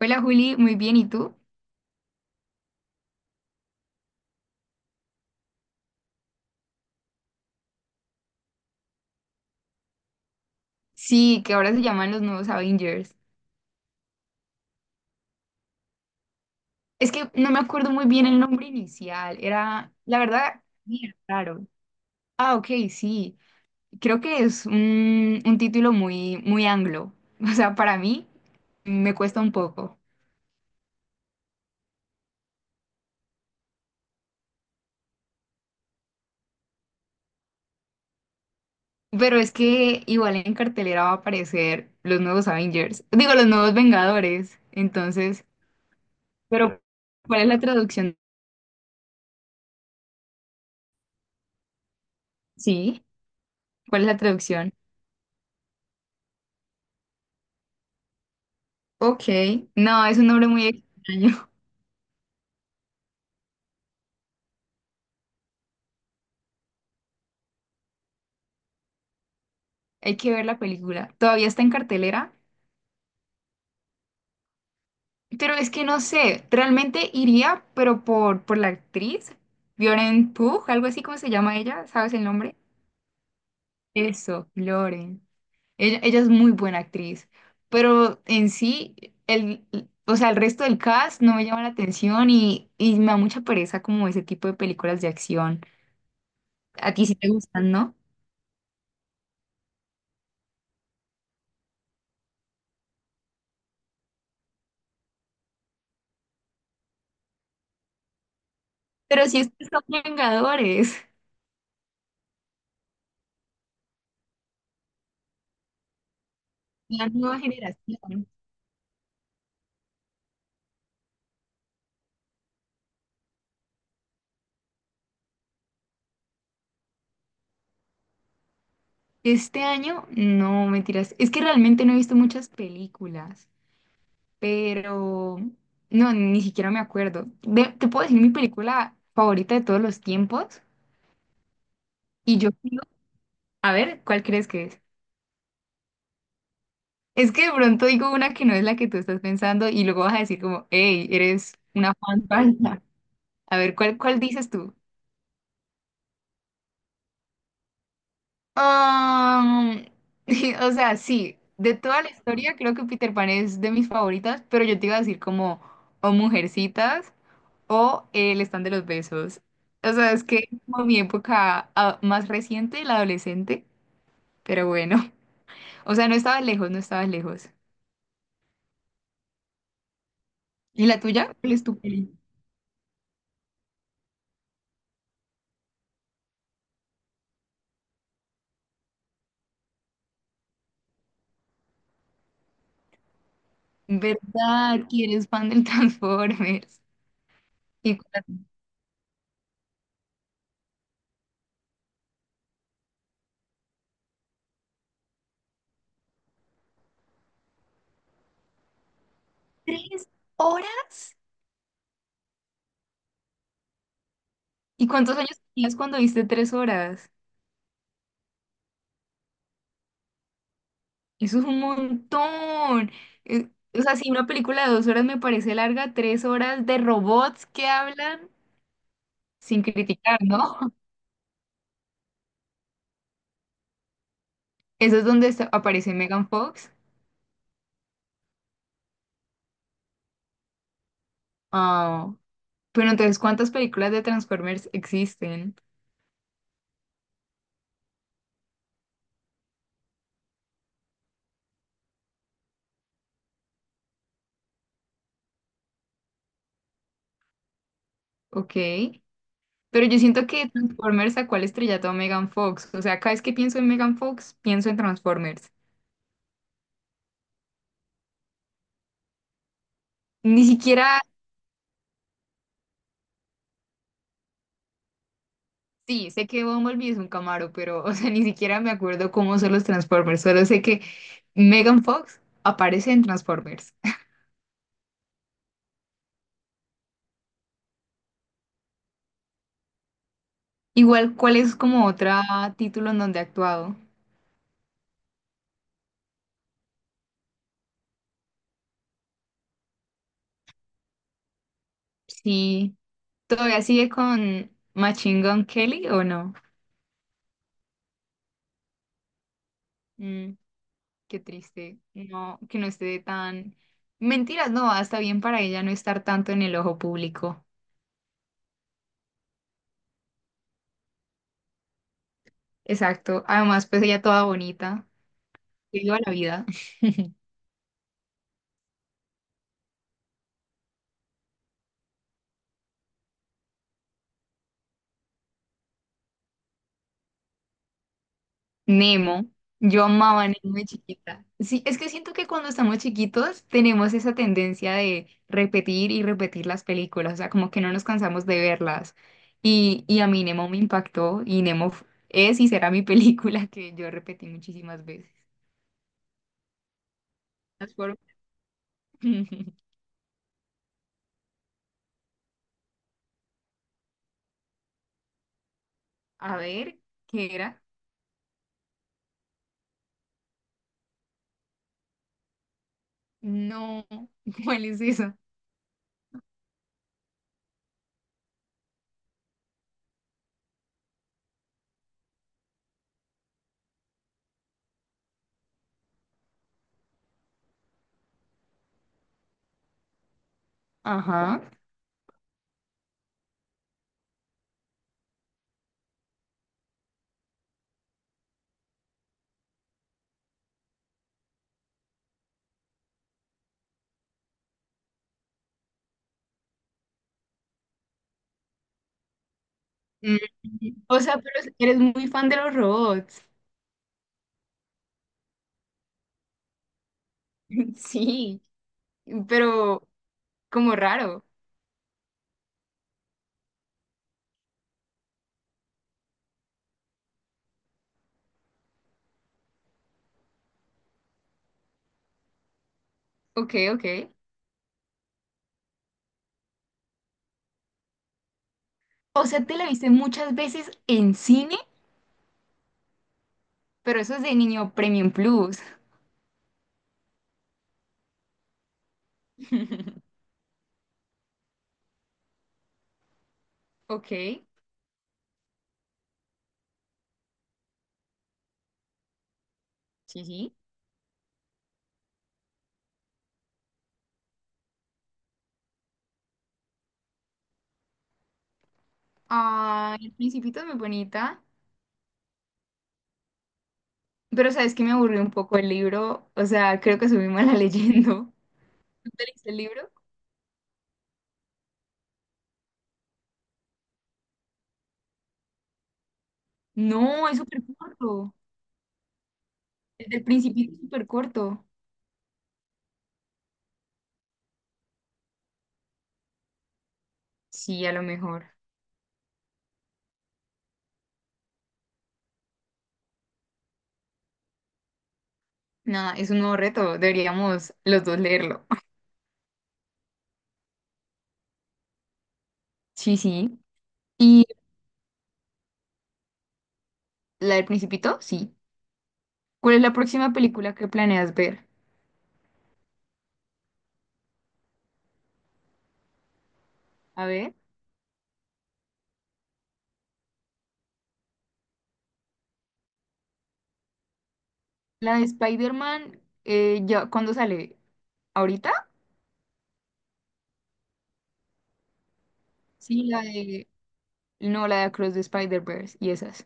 Hola Juli, muy bien, ¿y tú? Sí, que ahora se llaman los nuevos Avengers. Es que no me acuerdo muy bien el nombre inicial, era, la verdad, bien raro. Ah, ok, sí, creo que es un título muy, muy anglo, o sea, para mí me cuesta un poco, pero es que igual en cartelera va a aparecer los nuevos Avengers, digo, los nuevos Vengadores, entonces, pero ¿cuál es la traducción? Sí, ¿cuál es la traducción? Ok, no, es un nombre muy extraño. Hay que ver la película. Todavía está en cartelera, pero es que no sé, realmente iría, pero por la actriz, Lauren Pugh, algo así como se llama ella, ¿sabes el nombre? Eso, Lauren. Ella es muy buena actriz, pero en sí, el, o sea, el resto del cast no me llama la atención y me da mucha pereza como ese tipo de películas de acción. A ti sí te gustan, ¿no? Pero si estos son Vengadores, la nueva generación. Este año, no, mentiras. Es que realmente no he visto muchas películas, pero no, ni siquiera me acuerdo. Te puedo decir mi película favorita de todos los tiempos y yo digo, a ver, ¿cuál crees que es? Es que de pronto digo una que no es la que tú estás pensando y luego vas a decir como, hey, eres una fan falsa. A ver, ¿cuál dices tú? Um, o sea, sí, de toda la historia creo que Peter Pan es de mis favoritas, pero yo te iba a decir como, o Mujercitas. O el stand de los besos. O sea, es que como mi época ah, más reciente, la adolescente, pero bueno. O sea, no estaba lejos, no estaba lejos. ¿Y la tuya? ¿Cuál es tu peli? ¿Verdad que eres fan del Transformers? ¿Y cuántas- ¿Tres horas? ¿Y cuántos años tenías cuando viste tres horas? Eso es un montón. O sea, si una película de dos horas me parece larga, tres horas de robots que hablan sin criticar, ¿no? Eso es donde está- Aparece Megan Fox. Ah, pero entonces, ¿cuántas películas de Transformers existen? Ok. Pero yo siento que Transformers sacó al estrellato a Megan Fox. O sea, cada vez que pienso en Megan Fox, pienso en Transformers. Ni siquiera, sí, sé que Bumblebee es un Camaro, pero, o sea, ni siquiera me acuerdo cómo son los Transformers. Solo sé que Megan Fox aparece en Transformers. Igual, ¿cuál es como otro título en donde ha actuado? Sí. ¿Todavía sigue con Machine Gun Kelly o no? Mm, qué triste. No, que no esté tan... Mentiras, no, hasta bien para ella no estar tanto en el ojo público. Exacto. Además, pues ella toda bonita. Que viva la vida. Nemo. Yo amaba a Nemo de chiquita. Sí, es que siento que cuando estamos chiquitos tenemos esa tendencia de repetir y repetir las películas, o sea, como que no nos cansamos de verlas. Y a mí Nemo me impactó y es y será mi película que yo repetí muchísimas veces. Las fueron- A ver, ¿qué era? No, ¿cuál es eso? Ajá. Mm, O sea, pero eres muy fan de los robots. Sí, pero como raro. Ok, ok. O sea, te la viste muchas veces en cine, pero eso es de niño Premium Plus. Ok. Sí, sí. Ay, el Principito es muy bonita. Pero sabes que me aburrió un poco el libro. O sea, creo que soy muy mala leyendo. ¿Tú te leíste el libro? No, es súper corto. El del Principito es súper corto. Sí, a lo mejor. Nada, es un nuevo reto. Deberíamos los dos leerlo. Sí, sí. ¿Y la del Principito? Sí. ¿Cuál es la próxima película que planeas ver? A ver. La de Spider-Man, ya, ¿cuándo sale? ¿Ahorita? Sí, la de... No, la de Across the Spider-Verse y esas.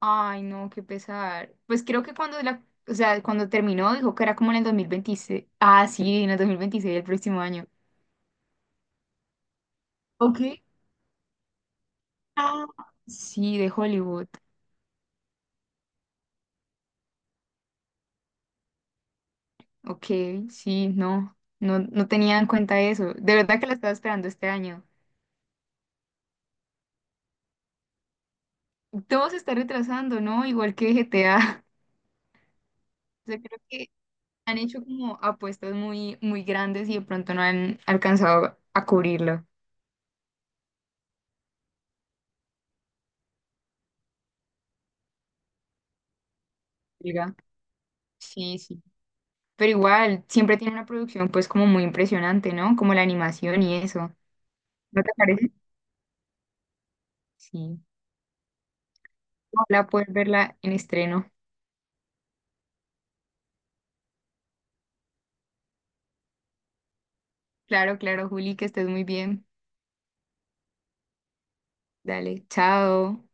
Ay, no, qué pesar. Pues creo que cuando la... O sea, cuando terminó, dijo que era como en el 2026. Ah, sí, en el 2026 el próximo año. Ok. Ah, sí, de Hollywood. Ok, sí, no, no, no tenía en cuenta eso. De verdad que la estaba esperando este año. Todo se está retrasando, ¿no? Igual que GTA. Yo creo que han hecho como apuestas muy, muy grandes y de pronto no han alcanzado a cubrirlo. Olga. Sí, sí. Pero igual, siempre tiene una producción pues como muy impresionante, ¿no? Como la animación y eso. ¿No te parece? Sí. Ojalá poder verla en estreno. Claro, claro, Juli, que estés muy bien. Dale, chao.